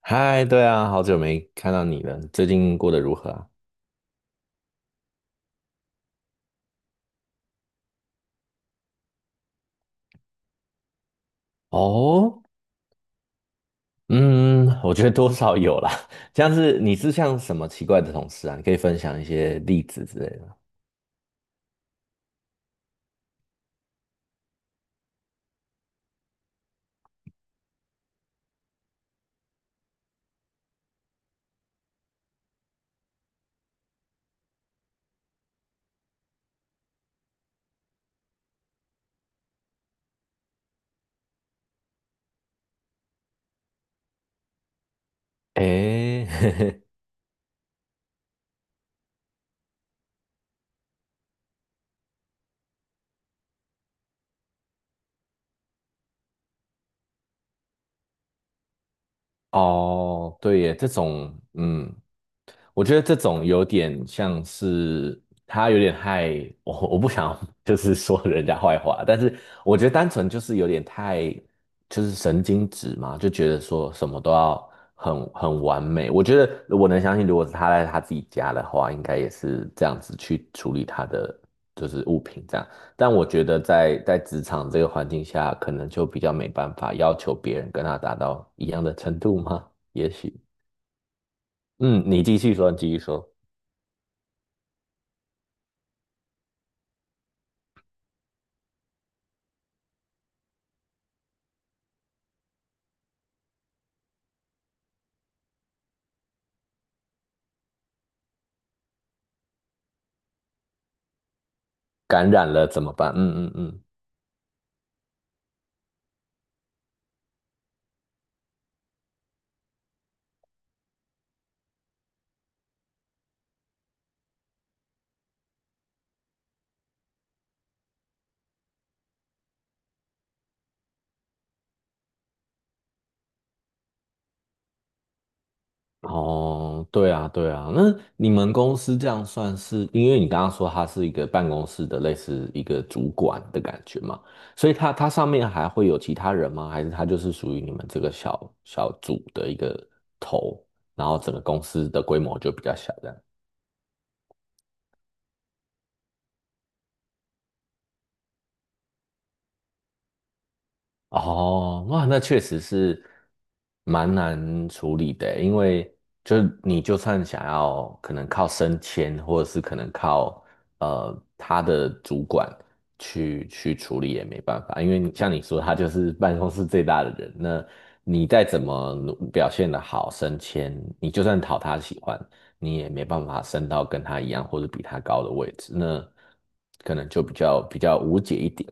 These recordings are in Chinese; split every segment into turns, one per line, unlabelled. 嗨，对啊，好久没看到你了，最近过得如何啊？哦，嗯，我觉得多少有啦。像是你是像什么奇怪的同事啊？你可以分享一些例子之类的吗？诶，哦，对耶，这种，嗯，我觉得这种有点像是他有点害我不想 就是说人家坏话，但是我觉得单纯就是有点太就是神经质嘛，就觉得说什么都要很完美。我觉得我能相信，如果是他在他自己家的话，应该也是这样子去处理他的就是物品这样。但我觉得在职场这个环境下，可能就比较没办法要求别人跟他达到一样的程度吗？也许，嗯，你继续说，你继续说，感染了怎么办？嗯嗯嗯，哦，对啊对啊，那你们公司这样算是，因为你刚刚说他是一个办公室的类似一个主管的感觉嘛，所以他上面还会有其他人吗？还是他就是属于你们这个小小组的一个头，然后整个公司的规模就比较小这样？哦，哇，那确实是蛮难处理的欸，因为就是你就算想要可能靠升迁，或者是可能靠他的主管去处理也没办法，因为你像你说，他就是办公室最大的人，那你再怎么表现的好升迁，你就算讨他喜欢，你也没办法升到跟他一样或者比他高的位置，那可能就比较无解一点。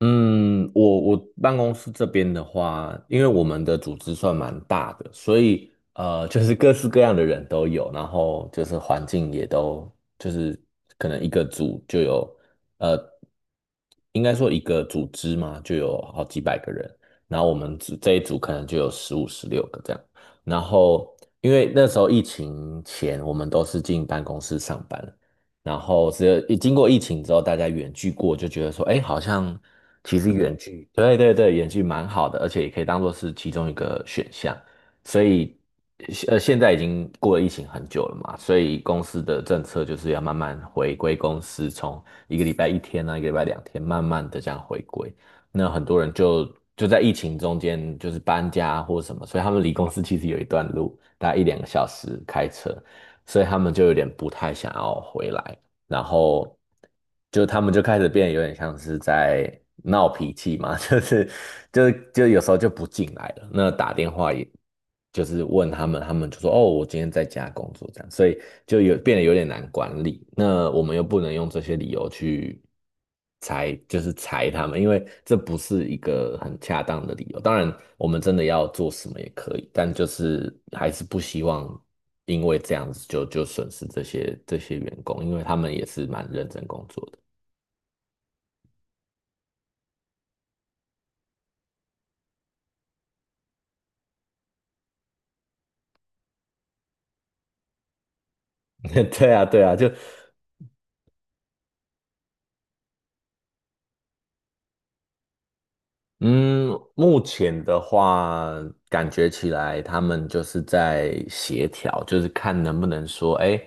嗯，我办公室这边的话，因为我们的组织算蛮大的，所以就是各式各样的人都有，然后就是环境也都就是可能一个组就有呃，应该说一个组织嘛，就有好几百个人，然后我们组这一组可能就有15、16个这样，然后因为那时候疫情前我们都是进办公室上班，然后只有一经过疫情之后，大家远距过，就觉得说，哎，好像其实远距，对对对，远距蛮好的，而且也可以当做是其中一个选项。所以，现在已经过了疫情很久了嘛，所以公司的政策就是要慢慢回归公司，从一个礼拜一天啊，一个礼拜两天，慢慢的这样回归。那很多人就在疫情中间就是搬家或什么，所以他们离公司其实有一段路，大概一两个小时开车。所以他们就有点不太想要回来，然后他们就开始变，得有点像是在闹脾气嘛，就是就有时候就不进来了。那打电话也就是问他们，他们就说哦，我今天在家工作这样，所以就有变得有点难管理。那我们又不能用这些理由去，裁就是裁他们，因为这不是一个很恰当的理由。当然，我们真的要做什么也可以，但就是还是不希望因为这样子就损失这些员工，因为他们也是蛮认真工作的。对啊，对啊，就嗯，目前的话，感觉起来他们就是在协调，就是看能不能说，哎，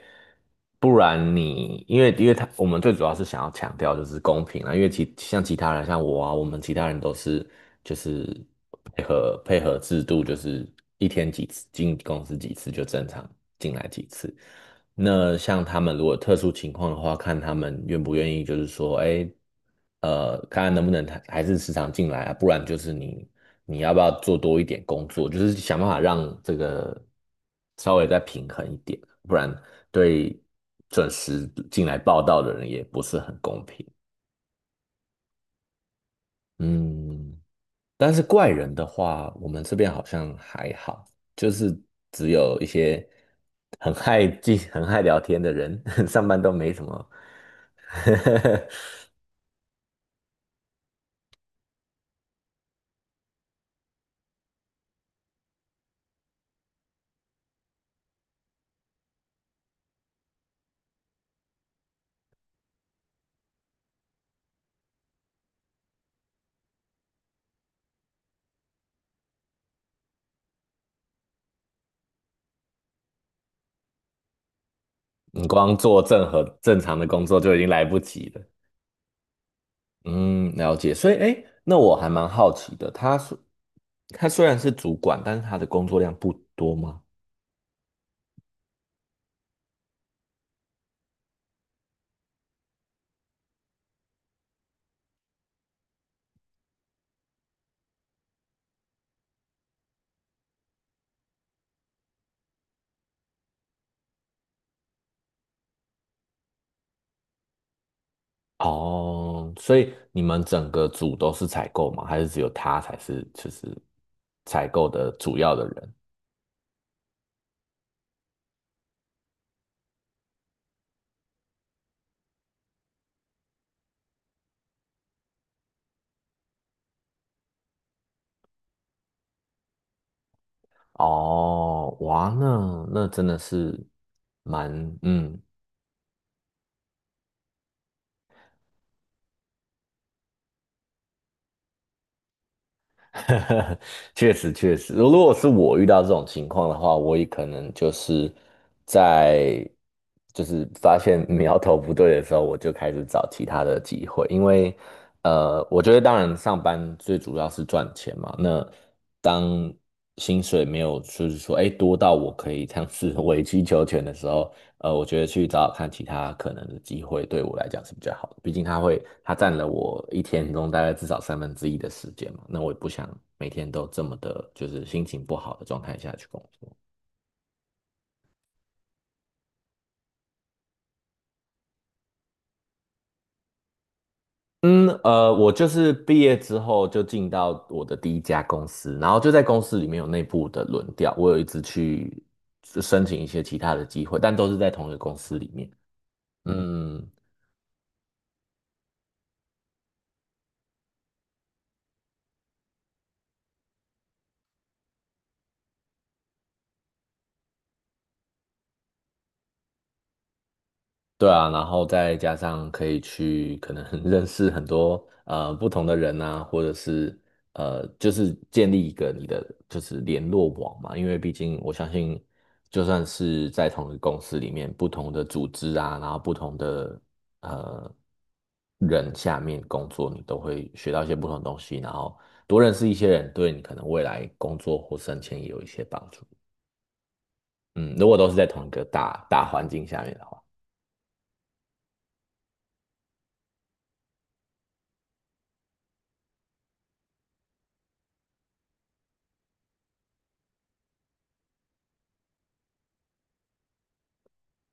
不然你，因为他我们最主要是想要强调就是公平啊，因为其像其他人像我啊，我们其他人都是就是配合配合制度，就是一天几次进公司几次就正常进来几次。那像他们如果特殊情况的话，看他们愿不愿意，就是说，哎。看看能不能还是时常进来啊，不然就是你要不要做多一点工作，就是想办法让这个稍微再平衡一点，不然对准时进来报道的人也不是很公平。嗯，但是怪人的话，我们这边好像还好，就是只有一些很爱记、很爱聊天的人，上班都没什么。你光做正常的工作就已经来不及了。嗯，了解。所以，哎，那我还蛮好奇的，他虽然是主管，但是他的工作量不多吗？哦，所以你们整个组都是采购吗？还是只有他才是就是采购的主要的人？哦，哇，那真的是蛮嗯 确实确实，如果是我遇到这种情况的话，我也可能就是在就是发现 苗头不对的时候，我就开始找其他的机会，因为我觉得当然上班最主要是赚钱嘛，那当薪水没有就是说哎多到我可以这样子委曲 求全的时候，我觉得去找找看其他可能的机会，对我来讲是比较好的。毕竟它会，它占了我一天中大概至少1/3的时间嘛。那我也不想每天都这么的，就是心情不好的状态下去工作。嗯，我就是毕业之后就进到我的第一家公司，然后就在公司里面有内部的轮调，我有一直去申请一些其他的机会，但都是在同一个公司里面。嗯，对啊，然后再加上可以去可能 认识很多不同的人啊，或者是就是建立一个你的就是联络网嘛，因为毕竟我相信，就算是在同一个公司里面，不同的组织啊，然后不同的呃人下面工作，你都会学到一些不同的东西，然后多认识一些人，对你可能未来工作或升迁也有一些帮助。嗯，如果都是在同一个大环境下面的话。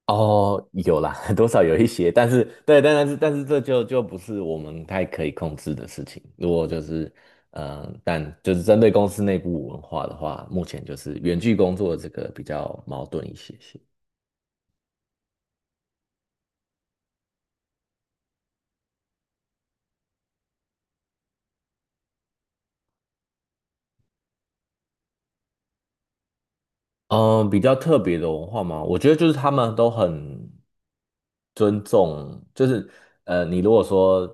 哦，有啦，多少有一些，但是对，但是这就不是我们太可以控制的事情。如果就是但就是针对公司内部文化的话，目前就是远距工作这个比较矛盾一些些。嗯，比较特别的文化吗？我觉得就是他们都很尊重，就是你如果说，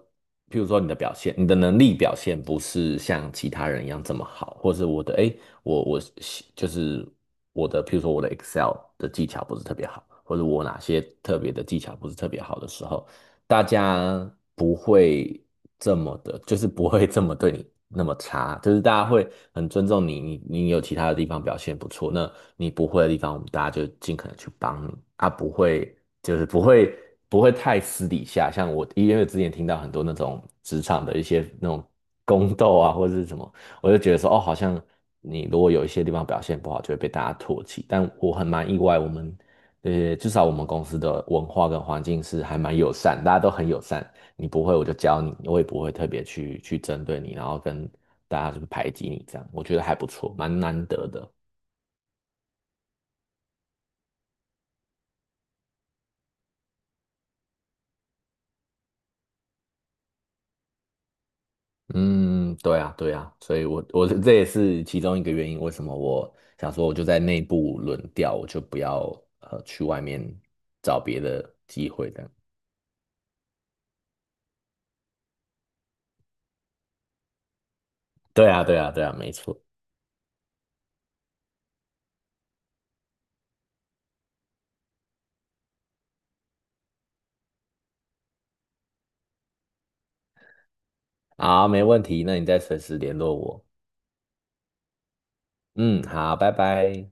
譬如说你的表现，你的能力表现不是像其他人一样这么好，或是我的，诶，我就是我的，譬如说我的 Excel 的技巧不是特别好，或者我哪些特别的技巧不是特别好的时候，大家不会这么的，就是不会这么对你那么差，就是大家会很尊重你，你有其他的地方表现不错，那你不会的地方，我们大家就尽可能去帮你啊，不会就是不会太私底下，像我因为之前听到很多那种职场的一些那种宫斗啊或者是什么，我就觉得说哦，好像你如果有一些地方表现不好，就会被大家唾弃，但我蛮意外，我们至少我们公司的文化跟环境是还蛮友善，大家都很友善。你不会我就教你，我也不会特别去针对你，然后跟大家就是排挤你这样，我觉得还不错，蛮难得的。嗯，对啊，对啊，所以我这也是其中一个原因，为什么我想说我就在内部轮调，我就不要去外面找别的机会这样。对啊，对啊，对啊，没错。好，没问题，那你再随时联络我。嗯，好，拜拜。